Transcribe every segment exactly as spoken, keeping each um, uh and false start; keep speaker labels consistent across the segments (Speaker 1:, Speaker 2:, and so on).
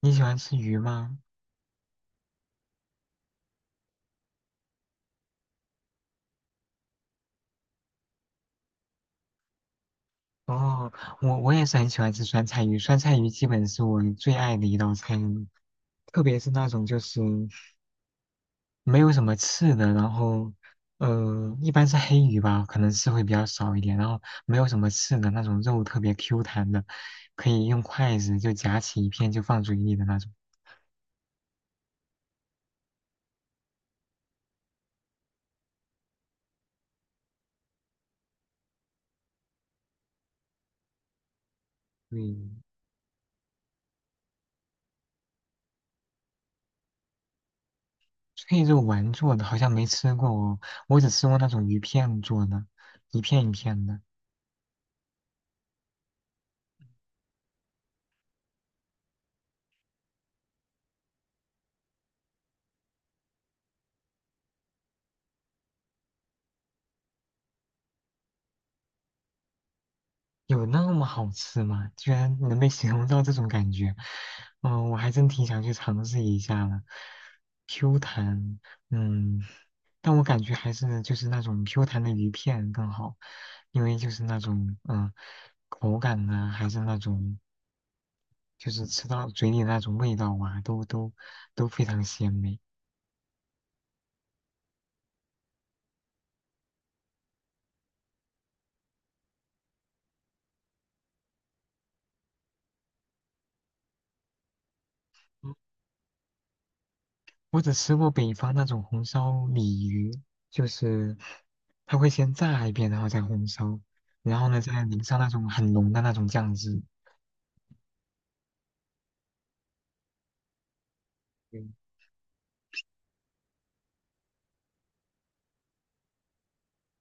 Speaker 1: 你喜欢吃鱼吗？哦，我我也是很喜欢吃酸菜鱼，酸菜鱼基本是我最爱的一道菜了，特别是那种就是没有什么刺的，然后呃，一般是黑鱼吧，可能刺会比较少一点，然后没有什么刺的那种肉特别 Q 弹的，可以用筷子就夹起一片就放嘴里的那种。对，脆肉丸做的好像没吃过哦，我只吃过那种鱼片做的，一片一片的。有那么好吃吗？居然能被形容到这种感觉，嗯，我还真挺想去尝试一下的。Q 弹，嗯，但我感觉还是就是那种 Q 弹的鱼片更好，因为就是那种嗯口感呢、还是那种就是吃到嘴里那种味道啊，都都都非常鲜美。我只吃过北方那种红烧鲤鱼，就是它会先炸一遍，然后再红烧，然后呢再淋上那种很浓的那种酱汁。对，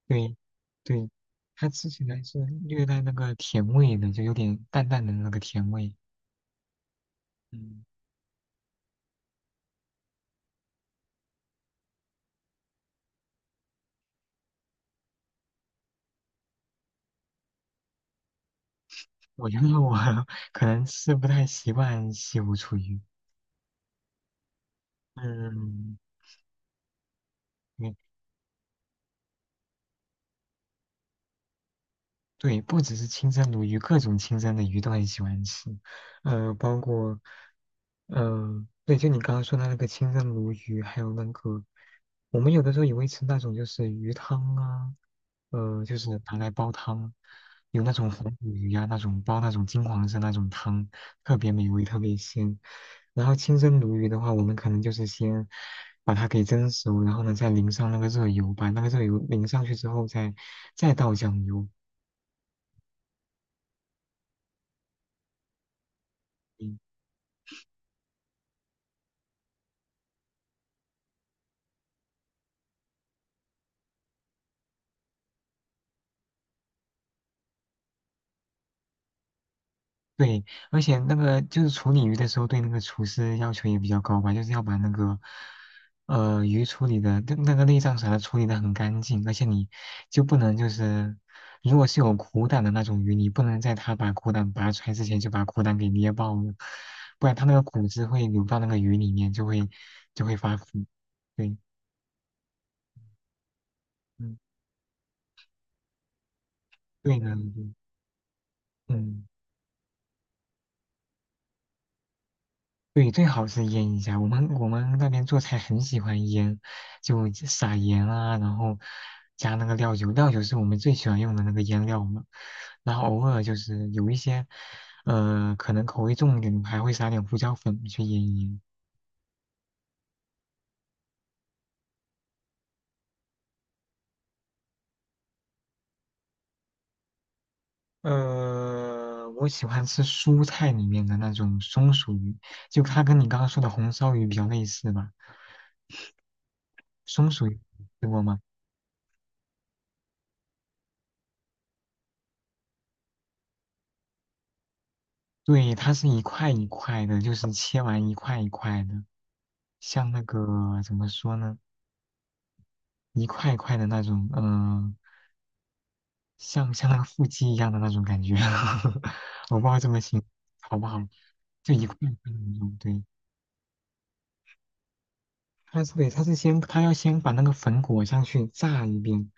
Speaker 1: 对，对，它吃起来是略带那个甜味的，就有点淡淡的那个甜味。嗯，我觉得我 可能吃不太习惯西湖醋鱼。嗯，对对，不只是清蒸鲈鱼，各种清蒸的鱼都很喜欢吃，呃，包括，呃，对，就你刚刚说的那个清蒸鲈鱼，还有那个，我们有的时候也会吃那种就是鱼汤啊，呃，就是拿来煲汤，有那种红鲤鱼呀、那种煲那种金黄色那种汤，特别美味，特别鲜。然后清蒸鲈鱼的话，我们可能就是先把它给蒸熟，然后呢再淋上那个热油，把那个热油淋上去之后再再倒酱油。嗯对，而且那个就是处理鱼的时候，对那个厨师要求也比较高吧，就是要把那个呃鱼处理的那那个内脏啥的处理的很干净，而且你就不能就是如果是有苦胆的那种鱼，你不能在它把苦胆拔出来之前就把苦胆给捏爆了，不然它那个骨汁会流到那个鱼里面，就会就会发腐。对，嗯，对的，对嗯。对，最好是腌一下。我们我们那边做菜很喜欢腌，就撒盐啊，然后加那个料酒，料酒是我们最喜欢用的那个腌料嘛。然后偶尔就是有一些，呃，可能口味重一点，还会撒点胡椒粉去腌一腌。呃，我喜欢吃蔬菜里面的那种松鼠鱼，就它跟你刚刚说的红烧鱼比较类似吧。松鼠鱼吃过吗？对，它是一块一块的，就是切完一块一块的，像那个怎么说呢，一块一块的那种，嗯、像像那个腹肌一样的那种感觉，我不知道这么形容好不好，就一块一块的那种。对，它是对，它是先它要先把那个粉裹上去炸一遍，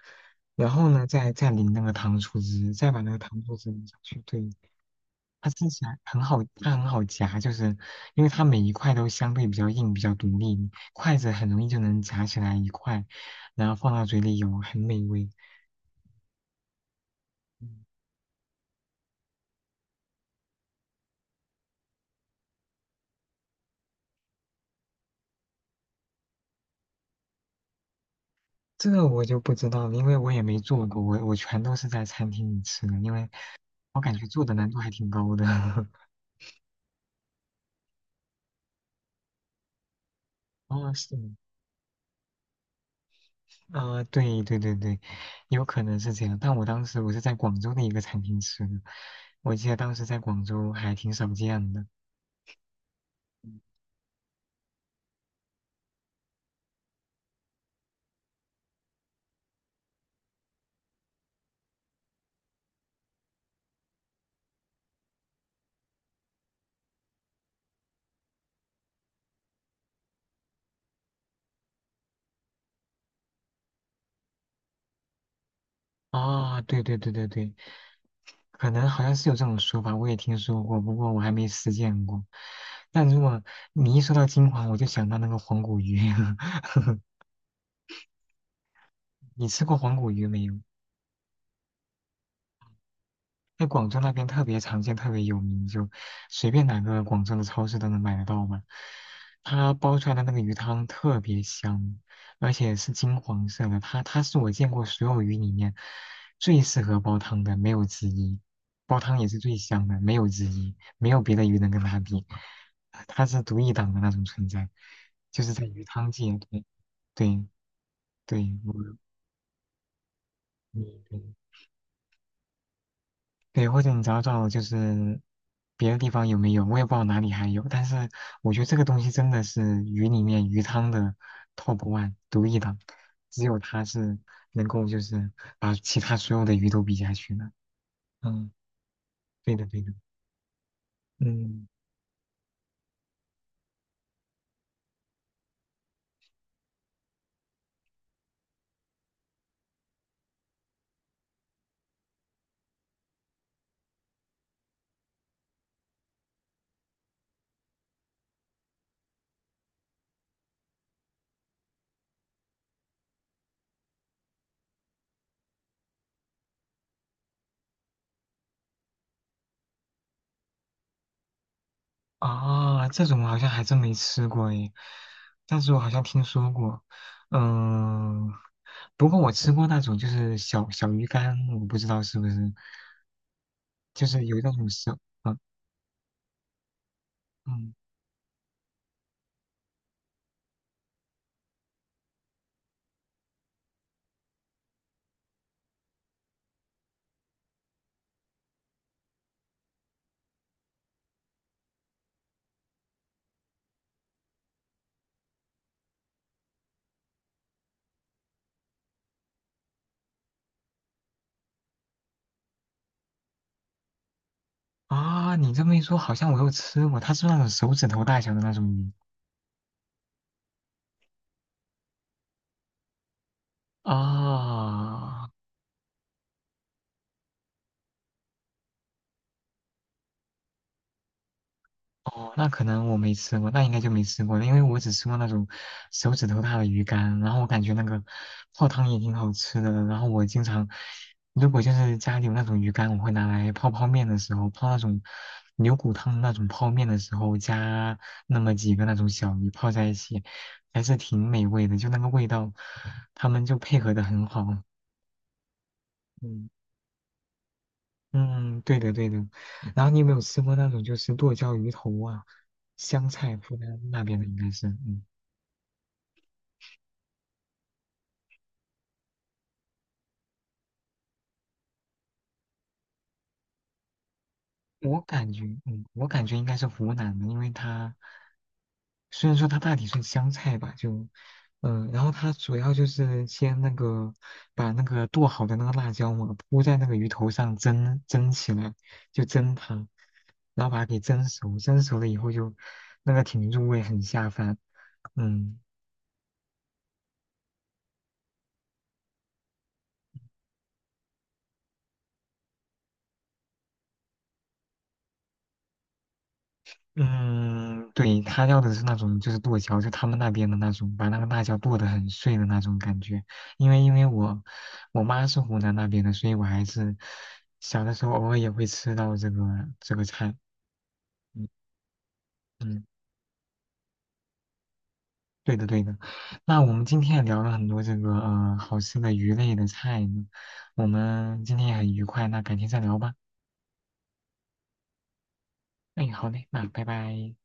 Speaker 1: 然后呢再再淋那个糖醋汁，再把那个糖醋汁淋上去。对，它吃起来很好，它很好夹，就是因为它每一块都相对比较硬，比较独立，筷子很容易就能夹起来一块，然后放到嘴里有很美味。嗯这个我就不知道了，因为我也没做过，我我全都是在餐厅里吃的，因为我感觉做的难度还挺高的。哦，是吗？啊、对对对对，有可能是这样。但我当时我是在广州的一个餐厅吃的，我记得当时在广州还挺少见的。啊，对对对对对，可能好像是有这种说法，我也听说过，不过我还没实践过。但如果你一说到金黄，我就想到那个黄骨鱼，你吃过黄骨鱼没有？在广州那边特别常见，特别有名，就随便哪个广州的超市都能买得到嘛。它煲出来的那个鱼汤特别香，而且是金黄色的，它它是我见过所有鱼里面最适合煲汤的，没有之一。煲汤也是最香的，没有之一，没有别的鱼能跟它比，它是独一档的那种存在，就是在鱼汤界，对对对，我你对对，或者你找找就是别的地方有没有，我也不知道哪里还有，但是我觉得这个东西真的是鱼里面鱼汤的 top one 独一档，只有它是能够就是把其他所有的鱼都比下去的。嗯，对的对的，嗯啊，这种我好像还真没吃过诶，但是我好像听说过，嗯，不过我吃过那种就是小小鱼干，我不知道是不是，就是有那种生。啊。嗯啊，你这么一说，好像我又吃过，它是那种手指头大小的那种鱼啊。哦，那可能我没吃过，那应该就没吃过了因为我只吃过那种手指头大的鱼干，然后我感觉那个泡汤也挺好吃的，然后我经常，如果就是家里有那种鱼干，我会拿来泡泡面的时候，泡那种牛骨汤的那种泡面的时候，加那么几个那种小鱼泡在一起，还是挺美味的，就那个味道，他们就配合的很好，嗯。嗯，对的对的。然后你有没有吃过那种就是剁椒鱼头啊？湘菜湖南那边的应该是，嗯，我感觉，嗯，我感觉应该是湖南的，因为它虽然说它大体是湘菜吧，就，嗯、然后它主要就是先那个把那个剁好的那个辣椒嘛铺在那个鱼头上蒸蒸起来，就蒸它，然后把它给蒸熟，蒸熟了以后就那个挺入味，很下饭，嗯。嗯，对，他要的是那种就是剁椒，就他们那边的那种，把那个辣椒剁得很碎的那种感觉。因为因为我我妈是湖南那边的，所以我还是小的时候偶尔也会吃到这个这个菜。嗯嗯，对的对的。那我们今天也聊了很多这个呃好吃的鱼类的菜呢我们今天也很愉快，那改天再聊吧。哎，好嘞，那拜拜。